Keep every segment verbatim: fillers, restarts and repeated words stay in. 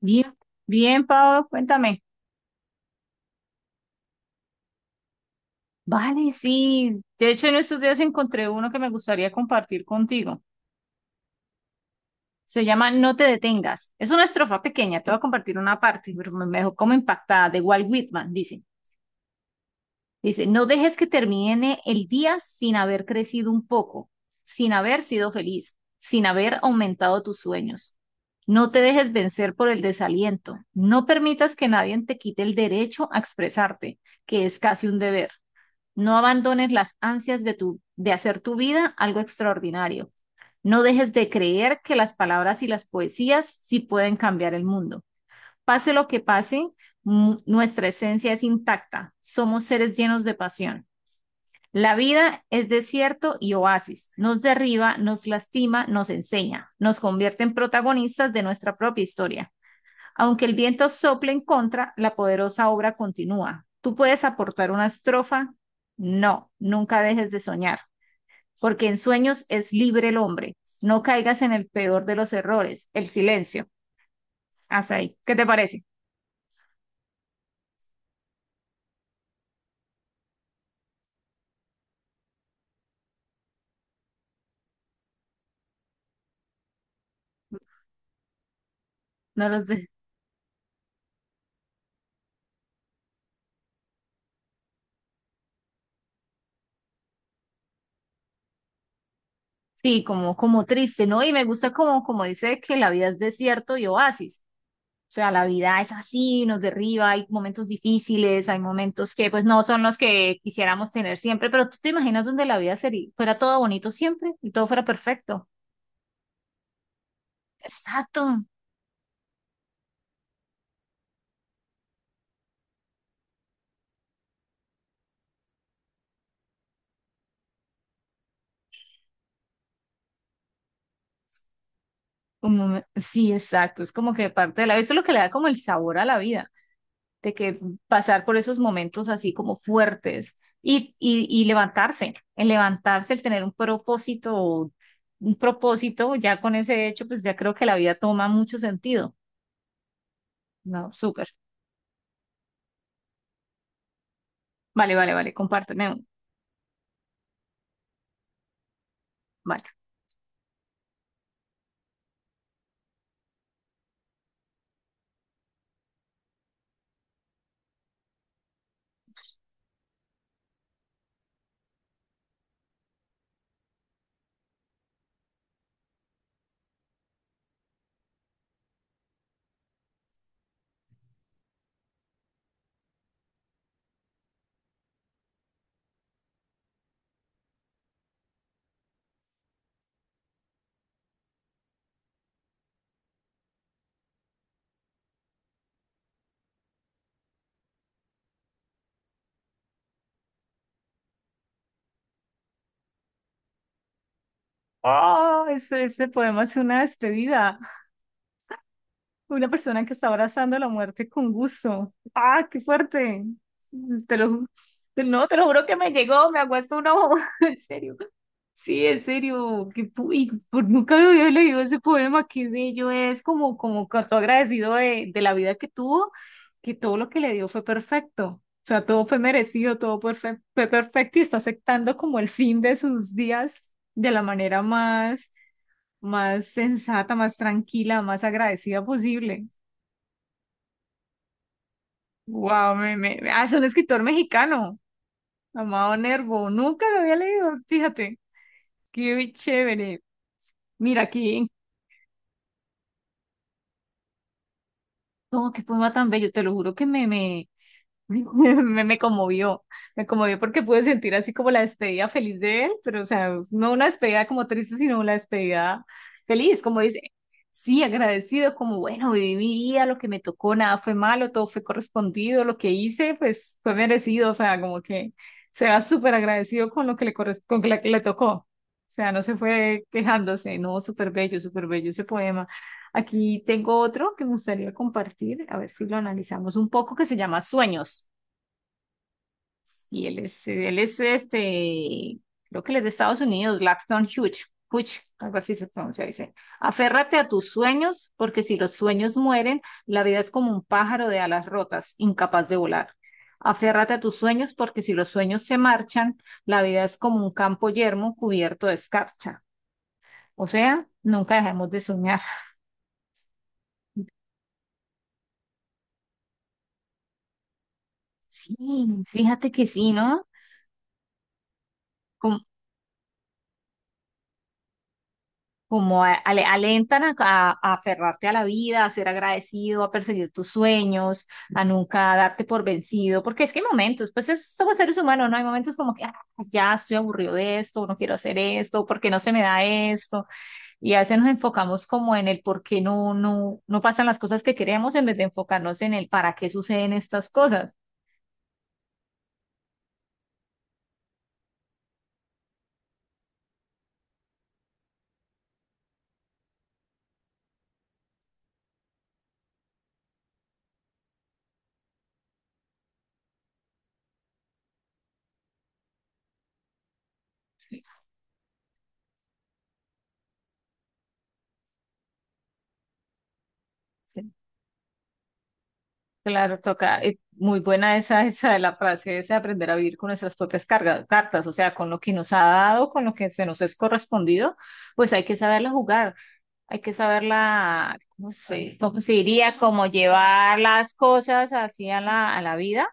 Bien, bien, Pablo, cuéntame. Vale, sí. De hecho, en estos días encontré uno que me gustaría compartir contigo. Se llama No te detengas. Es una estrofa pequeña, te voy a compartir una parte, pero me me dejó como impactada, de Walt Whitman, dice. Dice, no dejes que termine el día sin haber crecido un poco, sin haber sido feliz, sin haber aumentado tus sueños. No te dejes vencer por el desaliento. No permitas que nadie te quite el derecho a expresarte, que es casi un deber. No abandones las ansias de, tu, de hacer tu vida algo extraordinario. No dejes de creer que las palabras y las poesías sí pueden cambiar el mundo. Pase lo que pase, nuestra esencia es intacta. Somos seres llenos de pasión. La vida es desierto y oasis. Nos derriba, nos lastima, nos enseña. Nos convierte en protagonistas de nuestra propia historia. Aunque el viento sople en contra, la poderosa obra continúa. ¿Tú puedes aportar una estrofa? No, nunca dejes de soñar, porque en sueños es libre el hombre. No caigas en el peor de los errores, el silencio. Hasta ahí. ¿Qué te parece? No lo sé. Sí, como, como triste, ¿no? Y me gusta como, como dice que la vida es desierto y oasis. O sea, la vida es así, nos derriba, hay momentos difíciles, hay momentos que pues no son los que quisiéramos tener siempre, pero tú te imaginas donde la vida sería, fuera todo bonito siempre y todo fuera perfecto. Exacto. Un momen- sí, exacto. Es como que parte de la vida, eso es lo que le da como el sabor a la vida, de que pasar por esos momentos así como fuertes y, y, y levantarse, el levantarse, el tener un propósito, un propósito, ya con ese hecho, pues ya creo que la vida toma mucho sentido. No, súper. Vale, vale, vale, compárteme uno. Vale. Oh, ese, ese poema es una despedida. Una persona que está abrazando la muerte con gusto. ¡Ah, qué fuerte! Te lo, ju- no, te lo juro que me llegó, me ha puesto un ojo. En serio. Sí, en serio, que, pu- y por, nunca me había leído ese poema, qué bello es, como, como cuanto agradecido de, de la vida que tuvo, que todo lo que le dio fue perfecto, o sea, todo fue merecido, todo perfe- fue perfecto y está aceptando como el fin de sus días de la manera más, más sensata, más tranquila, más agradecida posible. Wow, me, me, ah, es un escritor mexicano, Amado Nervo, nunca lo había leído, fíjate, qué chévere. Mira, aquí no, qué poema tan bello, te lo juro que me, me, me, me conmovió, me conmovió porque pude sentir así como la despedida feliz de él, pero o sea, no una despedida como triste, sino una despedida feliz, como dice, sí, agradecido, como bueno, viví mi vida, lo que me tocó, nada fue malo, todo fue correspondido, lo que hice, pues fue merecido, o sea, como que se va súper agradecido con lo que le, corres- con lo que le tocó, o sea, no se fue quejándose, no, súper bello, súper bello ese poema. Aquí tengo otro que me gustaría compartir, a ver si lo analizamos un poco, que se llama Sueños. Y él es, él es este, creo que él es de Estados Unidos, Laxton Hughes, Hughes, algo así se pronuncia, dice. Aférrate a tus sueños, porque si los sueños mueren, la vida es como un pájaro de alas rotas, incapaz de volar. Aférrate a tus sueños, porque si los sueños se marchan, la vida es como un campo yermo cubierto de escarcha. O sea, nunca dejemos de soñar. Sí, fíjate que sí, ¿no? Como a- ale- alentan a, a- a aferrarte a la vida, a ser agradecido, a perseguir tus sueños, a nunca darte por vencido, porque es que hay momentos, pues es- somos seres humanos, ¿no? Hay momentos como que "Ah, ya estoy aburrido de esto, no quiero hacer esto, porque no se me da esto, y a veces nos enfocamos como en el por qué no, no, no pasan las cosas que queremos en vez de enfocarnos en el para qué suceden estas cosas. Claro, toca, eh, muy buena esa, esa de la frase, es aprender a vivir con nuestras propias cargas, cartas, o sea, con lo que nos ha dado, con lo que se nos es correspondido, pues hay que saberla jugar, hay que saberla, ¿cómo se, cómo se diría? Como llevar las cosas así a la, a la vida,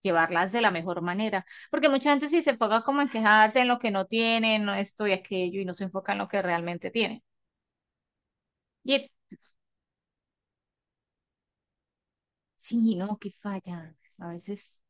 llevarlas de la mejor manera, porque mucha gente sí se enfoca como en quejarse en lo que no tiene, no esto y aquello, y no se enfoca en lo que realmente tiene. Y eh, sí, no, que falla, a veces,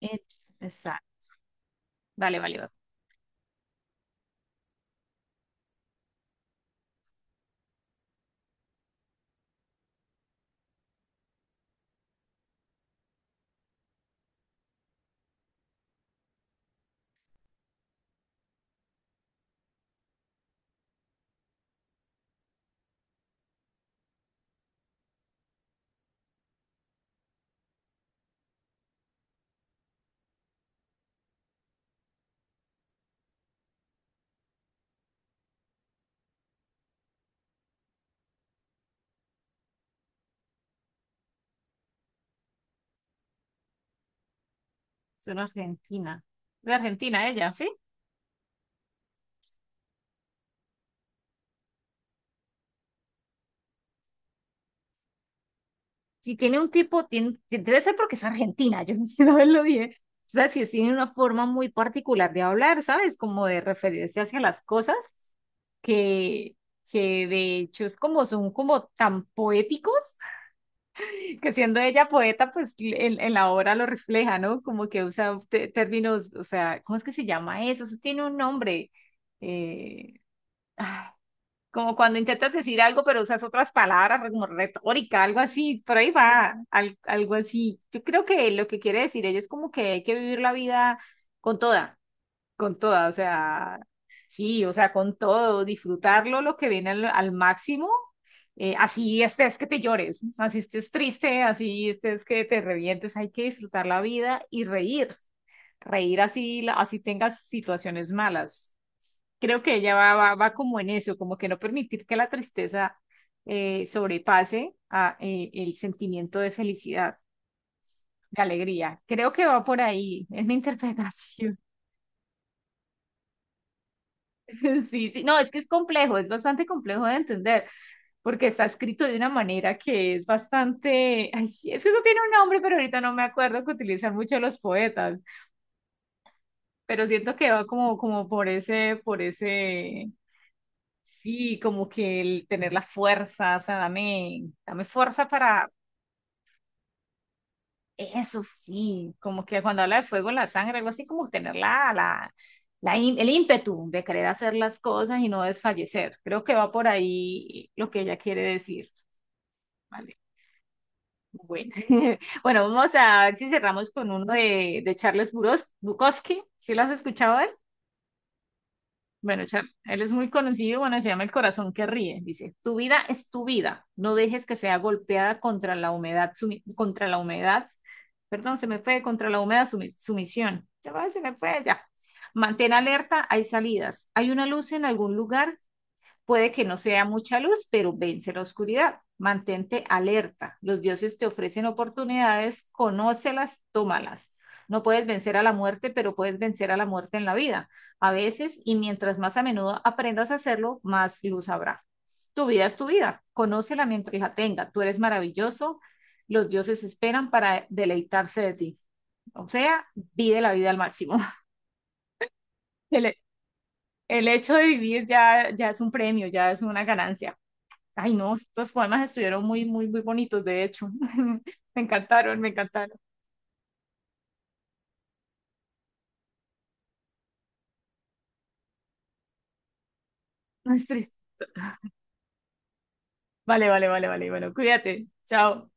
eh, exacto, vale, vale. Vale. Es una argentina. De Argentina ella, ¿sí? Si tiene un tipo, tiene, debe ser porque es argentina, yo no sé una lo dije. O sea, si tiene una forma muy particular de hablar, ¿sabes? Como de referirse hacia las cosas, que, que de hecho es como son como tan poéticos, que siendo ella poeta, pues en, en la obra lo refleja, ¿no? Como que usa te- términos, o sea, ¿cómo es que se llama eso? Eso tiene un nombre. Eh, Como cuando intentas decir algo, pero usas otras palabras, como retórica, algo así, por ahí va, al- algo así. Yo creo que lo que quiere decir ella es como que hay que vivir la vida con toda, con toda, o sea, sí, o sea, con todo, disfrutarlo lo que viene al, al máximo, eh, así estés que te llores, así estés triste, así estés que te revientes, hay que disfrutar la vida y reír, reír así, la- así tengas situaciones malas. Creo que ella va, va, va como en eso, como que no permitir que la tristeza eh, sobrepase a, eh, el sentimiento de felicidad, de alegría. Creo que va por ahí, es mi interpretación. Sí, sí, no, es que es complejo, es bastante complejo de entender, porque está escrito de una manera que es bastante, ay, sí, es que eso tiene un nombre, pero ahorita no me acuerdo que utilizan mucho los poetas, pero siento que va como, como por ese, por ese, sí, como que el tener la fuerza, o sea, dame, dame fuerza para eso, sí, como que cuando habla del fuego, en la sangre, algo así, como tener la, la, la im- el ímpetu de querer hacer las cosas y no desfallecer. Creo que va por ahí lo que ella quiere decir. Vale, bueno. Bueno, vamos a ver si cerramos con uno de, de Charles Buros- Bukowski. ¿Sí lo has escuchado? Bueno, Char- él es muy conocido, bueno, se llama El corazón que ríe. Dice, tu vida es tu vida, no dejes que sea golpeada contra la humedad, sumi- contra la humedad, perdón, se me fue, contra la humedad sumi- sumisión. Ya va, se me fue, ya. Mantén alerta, hay salidas. Hay una luz en algún lugar, puede que no sea mucha luz, pero vence la oscuridad. Mantente alerta. Los dioses te ofrecen oportunidades, conócelas, tómalas. No puedes vencer a la muerte, pero puedes vencer a la muerte en la vida. A veces, y mientras más a menudo aprendas a hacerlo, más luz habrá. Tu vida es tu vida. Conócela mientras la tenga. Tú eres maravilloso. Los dioses esperan para deleitarse de ti. O sea, vive la vida al máximo. El, el hecho de vivir ya, ya es un premio, ya es una ganancia. Ay, no, estos poemas estuvieron muy, muy, muy bonitos, de hecho. Me encantaron, me encantaron. No es triste. Vale, vale, vale, vale, bueno, cuídate. Chao.